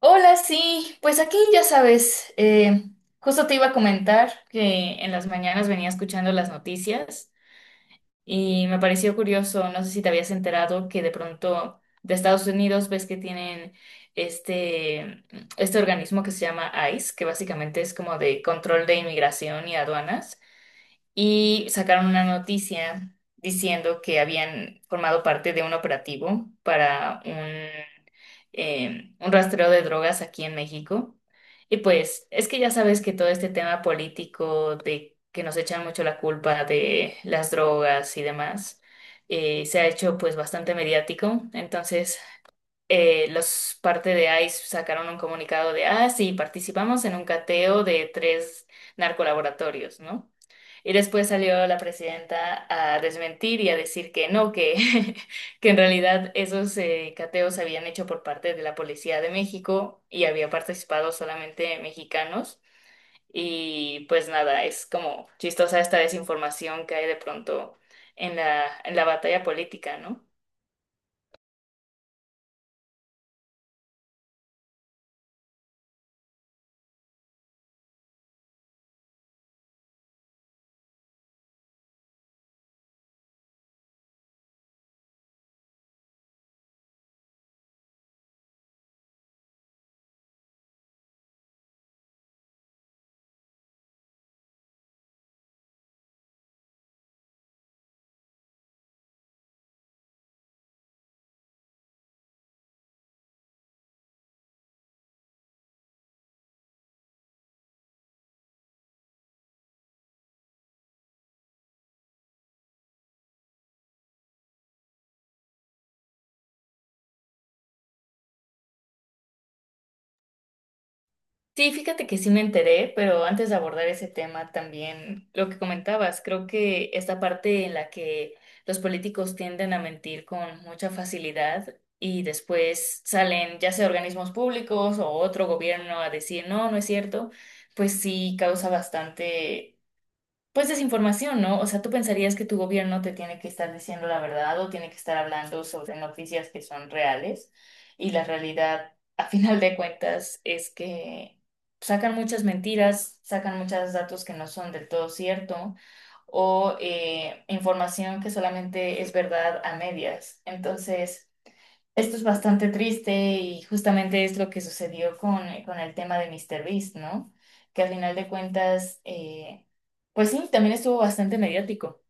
Hola, sí, pues aquí ya sabes, justo te iba a comentar que en las mañanas venía escuchando las noticias y me pareció curioso, no sé si te habías enterado que de pronto de Estados Unidos ves que tienen este, este organismo que se llama ICE, que básicamente es como de control de inmigración y aduanas y sacaron una noticia diciendo que habían formado parte de un operativo para un rastreo de drogas aquí en México. Y pues es que ya sabes que todo este tema político de que nos echan mucho la culpa de las drogas y demás, se ha hecho pues bastante mediático. Entonces, los parte de ICE sacaron un comunicado de, ah, sí, participamos en un cateo de tres narcolaboratorios, ¿no? Y después salió la presidenta a desmentir y a decir que no, que, que en realidad esos cateos se habían hecho por parte de la Policía de México y había participado solamente mexicanos. Y pues nada, es como chistosa esta desinformación que hay de pronto en la batalla política, ¿no? Sí, fíjate que sí me enteré, pero antes de abordar ese tema también lo que comentabas, creo que esta parte en la que los políticos tienden a mentir con mucha facilidad y después salen ya sea organismos públicos o otro gobierno a decir no, no es cierto, pues sí causa bastante pues desinformación, ¿no? O sea, tú pensarías que tu gobierno te tiene que estar diciendo la verdad o tiene que estar hablando sobre noticias que son reales y la realidad, a final de cuentas, es que sacan muchas mentiras, sacan muchos datos que no son del todo cierto o información que solamente es verdad a medias. Entonces, esto es bastante triste y justamente es lo que sucedió con el tema de míster Beast, ¿no? Que al final de cuentas, pues sí, también estuvo bastante mediático.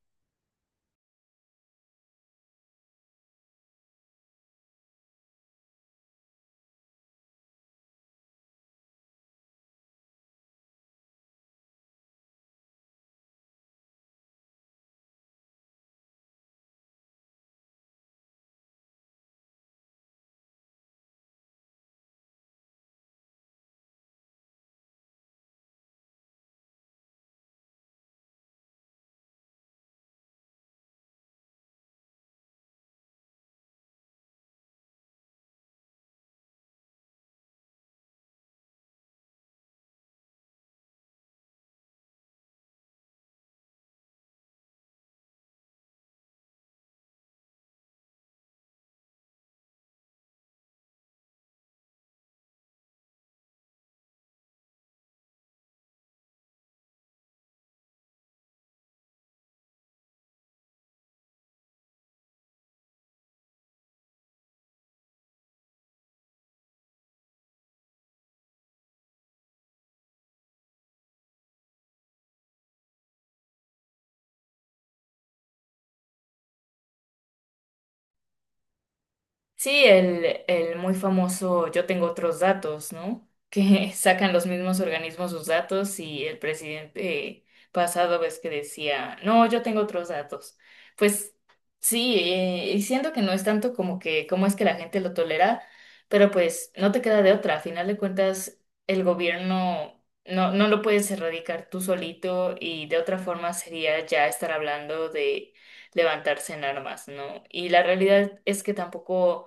Sí, el muy famoso yo tengo otros datos, ¿no? Que sacan los mismos organismos sus datos y el presidente pasado ves que decía, no, yo tengo otros datos. Pues sí, y siento que no es tanto como que cómo es que la gente lo tolera, pero pues no te queda de otra. A final de cuentas, el gobierno no, no lo puedes erradicar tú solito y de otra forma sería ya estar hablando de levantarse en armas, ¿no? Y la realidad es que tampoco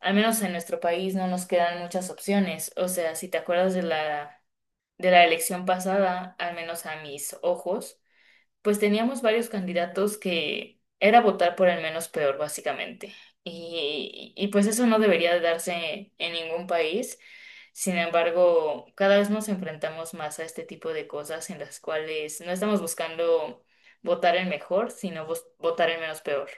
al menos en nuestro país no nos quedan muchas opciones. O sea, si te acuerdas de la elección pasada, al menos a mis ojos, pues teníamos varios candidatos que era votar por el menos peor, básicamente. Y pues eso no debería de darse en ningún país. Sin embargo, cada vez nos enfrentamos más a este tipo de cosas en las cuales no estamos buscando votar el mejor, sino votar el menos peor.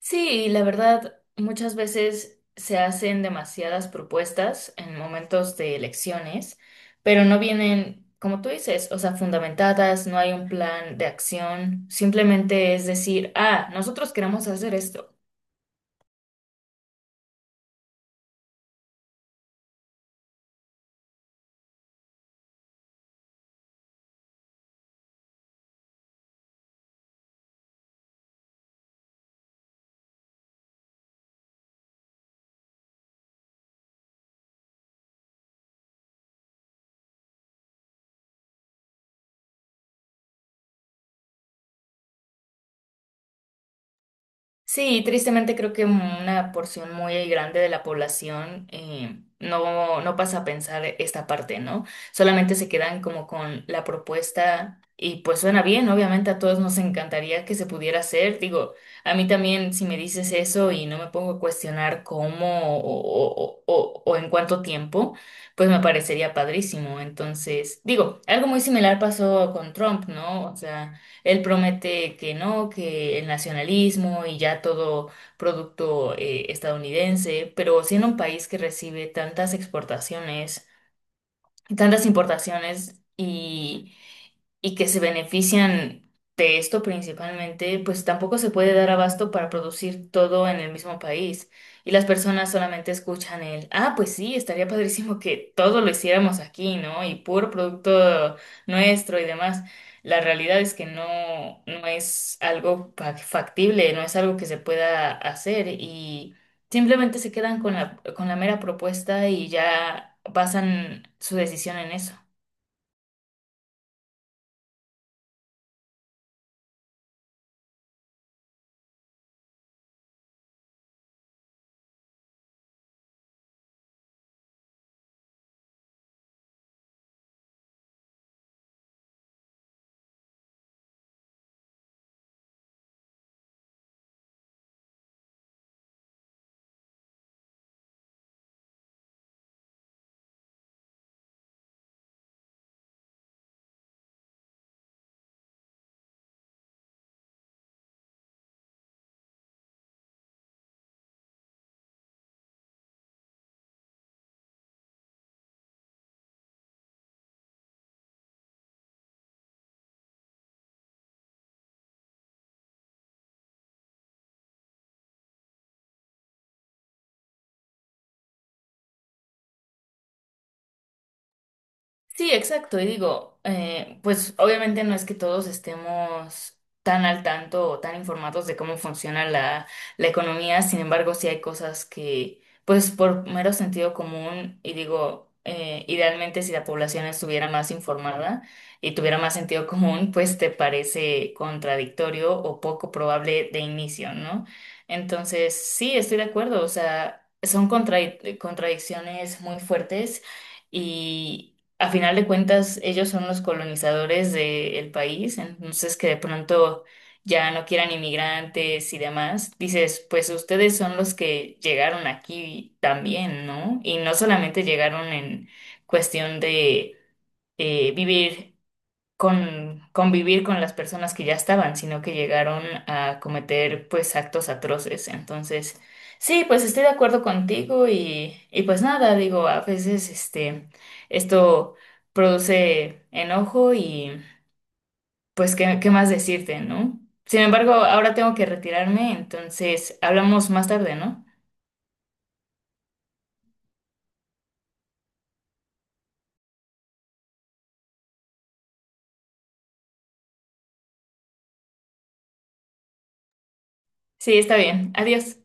Sí, la verdad, muchas veces se hacen demasiadas propuestas en momentos de elecciones, pero no vienen, como tú dices, o sea, fundamentadas, no hay un plan de acción, simplemente es decir, ah, nosotros queremos hacer esto. Sí, tristemente creo que una porción muy grande de la población no, no pasa a pensar esta parte, ¿no? Solamente se quedan como con la propuesta y pues suena bien, obviamente a todos nos encantaría que se pudiera hacer. Digo, a mí también si me dices eso y no me pongo a cuestionar cómo o en cuánto tiempo, pues me parecería padrísimo. Entonces, digo, algo muy similar pasó con Trump, ¿no? O sea, él promete que no, que el nacionalismo y ya todo producto estadounidense, pero siendo un país que recibe tantas exportaciones, tantas importaciones y que se benefician de esto principalmente, pues tampoco se puede dar abasto para producir todo en el mismo país. Y las personas solamente escuchan el, ah, pues sí, estaría padrísimo que todo lo hiciéramos aquí, ¿no? Y puro producto nuestro y demás. La realidad es que no, no es algo factible, no es algo que se pueda hacer y simplemente se quedan con la mera propuesta y ya basan su decisión en eso. Sí, exacto. Y digo, pues obviamente no es que todos estemos tan al tanto o tan informados de cómo funciona la economía, sin embargo, sí hay cosas que, pues por mero sentido común, y digo, idealmente si la población estuviera más informada y tuviera más sentido común, pues te parece contradictorio o poco probable de inicio, ¿no? Entonces, sí, estoy de acuerdo, o sea, son contradicciones muy fuertes. Y, a final de cuentas, ellos son los colonizadores del país, entonces que de pronto ya no quieran inmigrantes y demás, dices, pues ustedes son los que llegaron aquí también, ¿no? Y no solamente llegaron en cuestión de vivir con convivir con las personas que ya estaban, sino que llegaron a cometer pues actos atroces. Entonces, sí, pues estoy de acuerdo contigo y pues nada, digo, a veces este, esto produce enojo y pues qué, qué más decirte, ¿no? Sin embargo, ahora tengo que retirarme, entonces hablamos más tarde, ¿no? Sí, está bien. Adiós.